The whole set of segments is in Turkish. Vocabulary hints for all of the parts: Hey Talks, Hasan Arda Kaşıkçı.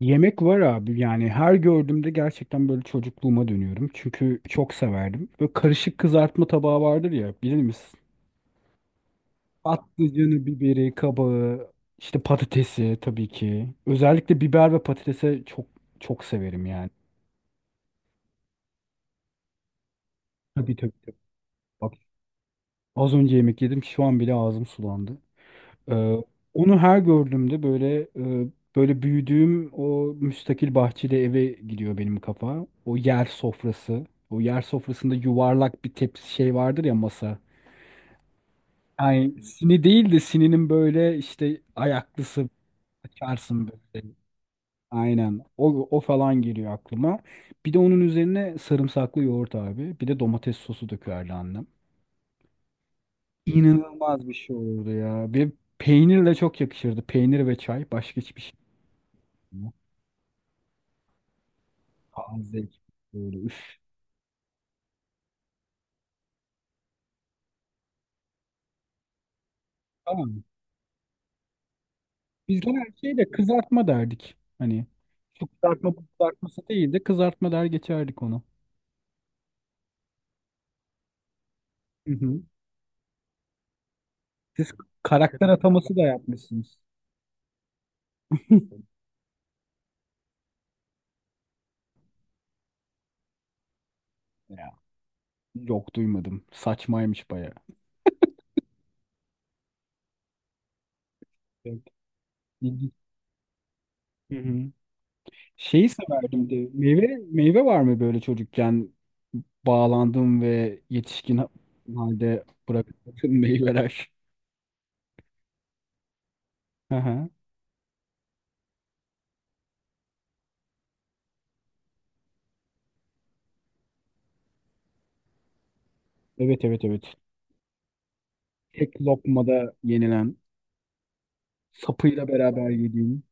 Yemek var abi, yani her gördüğümde gerçekten böyle çocukluğuma dönüyorum. Çünkü çok severdim. Böyle karışık kızartma tabağı vardır ya, bilir misin? Patlıcanı, biberi, kabağı, işte patatesi tabii ki. Özellikle biber ve patatese çok çok severim yani. Tabii, tabii, tabii. Bak, az önce yemek yedim, şu an bile ağzım sulandı. Ee, Onu her gördüğümde böyle, e, böyle büyüdüğüm o müstakil bahçeli eve gidiyor benim kafa. O yer sofrası. O yer sofrasında yuvarlak bir tepsi şey vardır ya, masa. Yani sini değil de sininin böyle işte ayaklısı, açarsın böyle. Aynen. O, o falan geliyor aklıma. Bir de onun üzerine sarımsaklı yoğurt abi. Bir de domates sosu dökerdi annem. İnanılmaz bir şey olurdu ya. Bir peynirle çok yakışırdı. Peynir ve çay. Başka hiçbir şey. Taze, böyle üf. Tamam. Biz genelde şey de kızartma derdik. Hani şu kızartma bu kızartması değil de kızartma der geçerdik onu. Hı hı. Siz karakter ataması da yapmışsınız. Ya. Yok, duymadım. Saçmaymış bayağı. Evet. İlginç. Hı hı. Şeyi severdim de meyve, meyve var mı böyle çocukken bağlandığım ve yetişkin halde bıraktığım meyveler? Hı hı. Evet, evet, evet. Tek lokmada yenilen. Sapıyla beraber yediğin.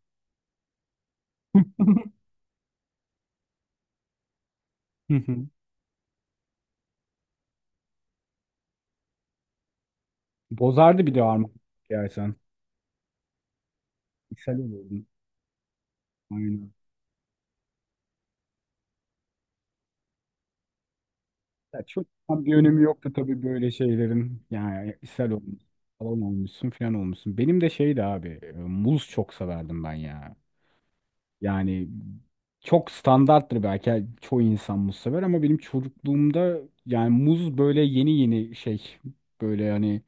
Hı hı. Bozardı bir de armut yersen. İshal olurdun. Aynen. Ya çok tam bir önemi yoktu tabii böyle şeylerin. Yani ishal olmuş. Falan olmuşsun, falan olmuşsun. Benim de şeydi abi. Muz çok severdim ben ya. Yani çok standarttır belki. Yani çoğu insan muz sever ama benim çocukluğumda yani muz böyle yeni yeni şey, böyle hani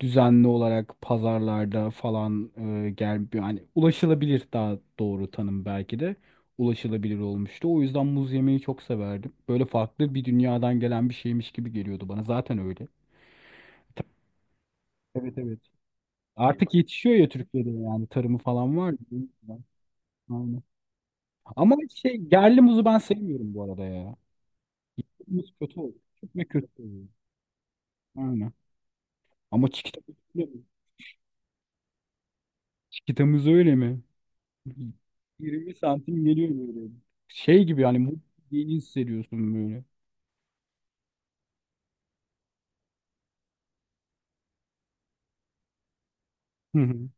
düzenli olarak pazarlarda falan, gel, yani ulaşılabilir, daha doğru tanım belki de, ulaşılabilir olmuştu. O yüzden muz yemeyi çok severdim. Böyle farklı bir dünyadan gelen bir şeymiş gibi geliyordu bana. Zaten öyle. Evet, evet. Artık yetişiyor ya Türkiye'de, yani tarımı falan var. Aynen. Ama şey, yerli muzu ben sevmiyorum bu arada ya. Yapımız kötü oldu. Çok ve kötü oldu. Aynen. Ama çikitamız öyle mi? Çikitamız öyle mi? 20 santim geliyor böyle. Şey gibi, yani muz yediğini hissediyorsun böyle. Hı hı.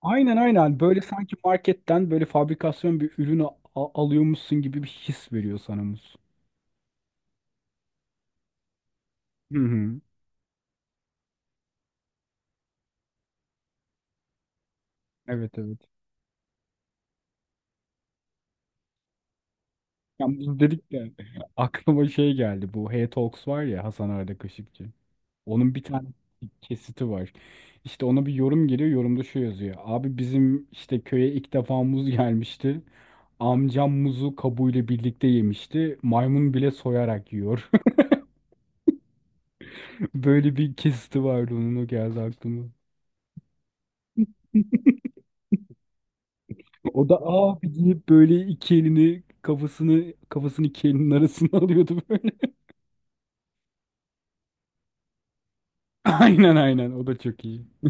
Aynen, aynen. Böyle sanki marketten böyle fabrikasyon bir ürünü alıyormuşsun gibi bir his veriyor sana muz. Hı hı. Evet, evet. Ya muz dedik de aklıma şey geldi. Bu Hey Talks var ya, Hasan Arda Kaşıkçı. Onun bir tane kesiti var. İşte ona bir yorum geliyor. Yorumda şu yazıyor. Abi bizim işte köye ilk defa muz gelmişti. Amcam muzu kabuğuyla birlikte yemişti. Maymun bile soyarak yiyor. Böyle bir kesiti vardı onun, o geldi aklıma. O da abi deyip böyle iki elini, kafasını iki elinin arasına alıyordu böyle. Aynen, aynen, o da çok iyi.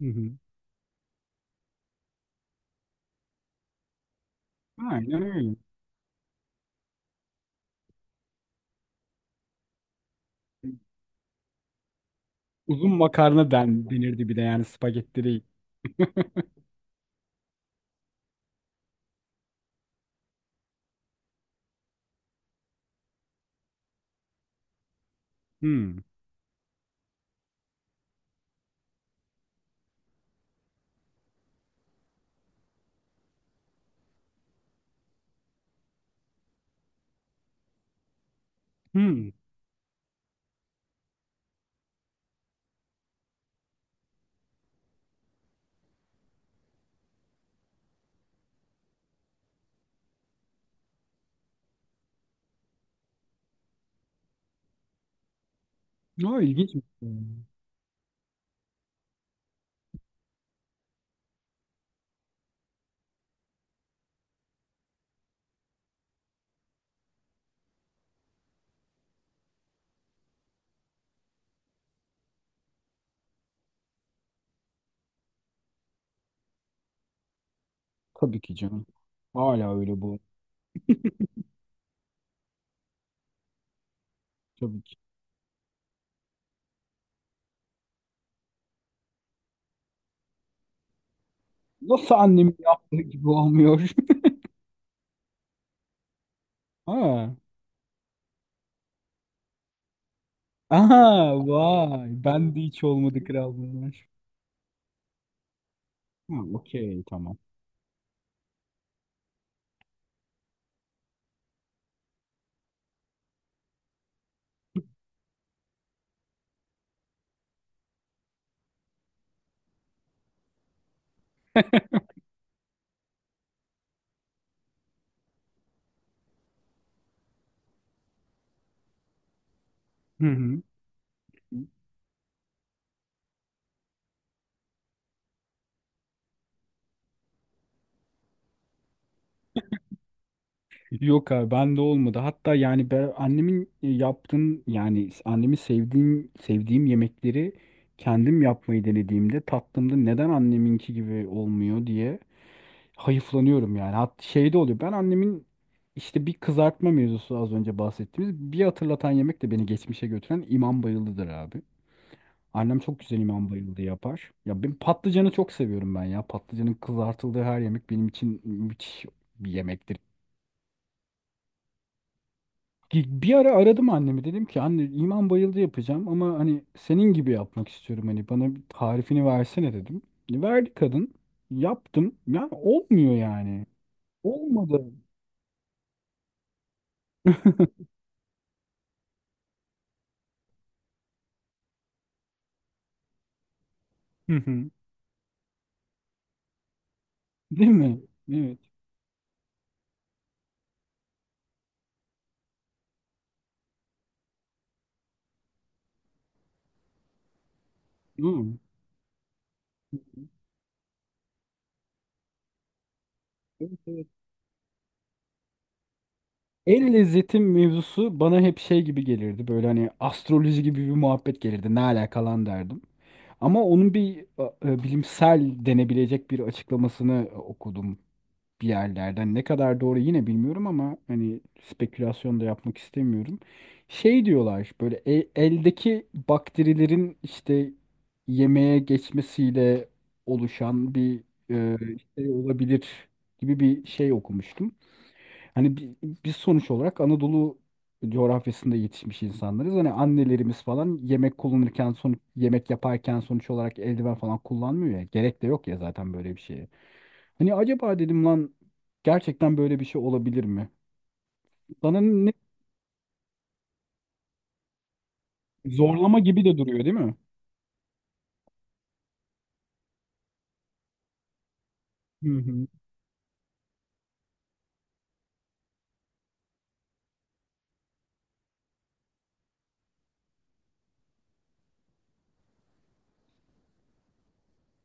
Hı hı. Aynen öyle. Uzun makarna denirdi bir de, yani spagetti değil. Hmm. Hmm. O ilginç bir şey. Tabii ki canım. Hala öyle bu. Tabii ki. Nasıl annemin yaptığı gibi olmuyor? Ha. Aha, vay. Ben de hiç olmadı, kral bunlar. Ha, okey, tamam. Hı hı. Yok abi, ben de olmadı. Hatta yani ben annemin yaptığım, yani annemi sevdiğim yemekleri kendim yapmayı denediğimde, tattığımda, neden anneminki gibi olmuyor diye hayıflanıyorum yani. Hat şey de oluyor. Ben annemin işte bir kızartma mevzusu, az önce bahsettiğimiz, bir hatırlatan yemek de, beni geçmişe götüren imam bayıldıdır abi. Annem çok güzel imam bayıldı yapar. Ya ben patlıcanı çok seviyorum ben ya. Patlıcanın kızartıldığı her yemek benim için müthiş bir yemektir. Bir ara aradım annemi, dedim ki anne iman bayıldı yapacağım ama hani senin gibi yapmak istiyorum, hani bana bir tarifini versene dedim. Verdi kadın, yaptım, yani olmuyor yani, olmadı. Hı hı. Değil mi? Evet. Hı. Evet, evet. El lezzeti mevzusu bana hep şey gibi gelirdi, böyle hani astroloji gibi bir muhabbet gelirdi, ne alakalan derdim. Ama onun bir bilimsel denebilecek bir açıklamasını okudum bir yerlerden. Ne kadar doğru yine bilmiyorum, ama hani spekülasyon da yapmak istemiyorum. Şey diyorlar böyle, eldeki bakterilerin işte yemeğe geçmesiyle oluşan bir e, şey olabilir gibi bir şey okumuştum. Hani bi- Biz sonuç olarak Anadolu coğrafyasında yetişmiş insanlarız. Hani annelerimiz falan yemek kullanırken, sonuç yemek yaparken sonuç olarak eldiven falan kullanmıyor ya. Gerek de yok ya zaten böyle bir şeye. Hani acaba dedim lan, gerçekten böyle bir şey olabilir mi? Sana ne, zorlama gibi de duruyor değil mi? Hı hı.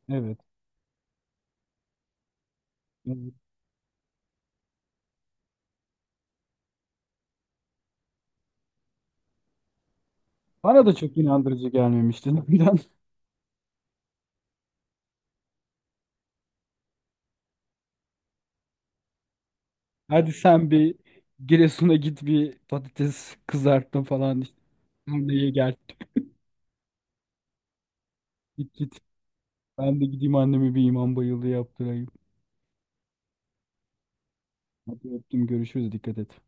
Evet. Evet. Bana da çok inandırıcı gelmemişti zaten. Hadi sen bir Giresun'a git, bir patates kızartma falan işte. Anneye gel. Git git. Ben de gideyim annemi bir imam bayıldığı yaptırayım. Hadi öptüm, görüşürüz, dikkat et.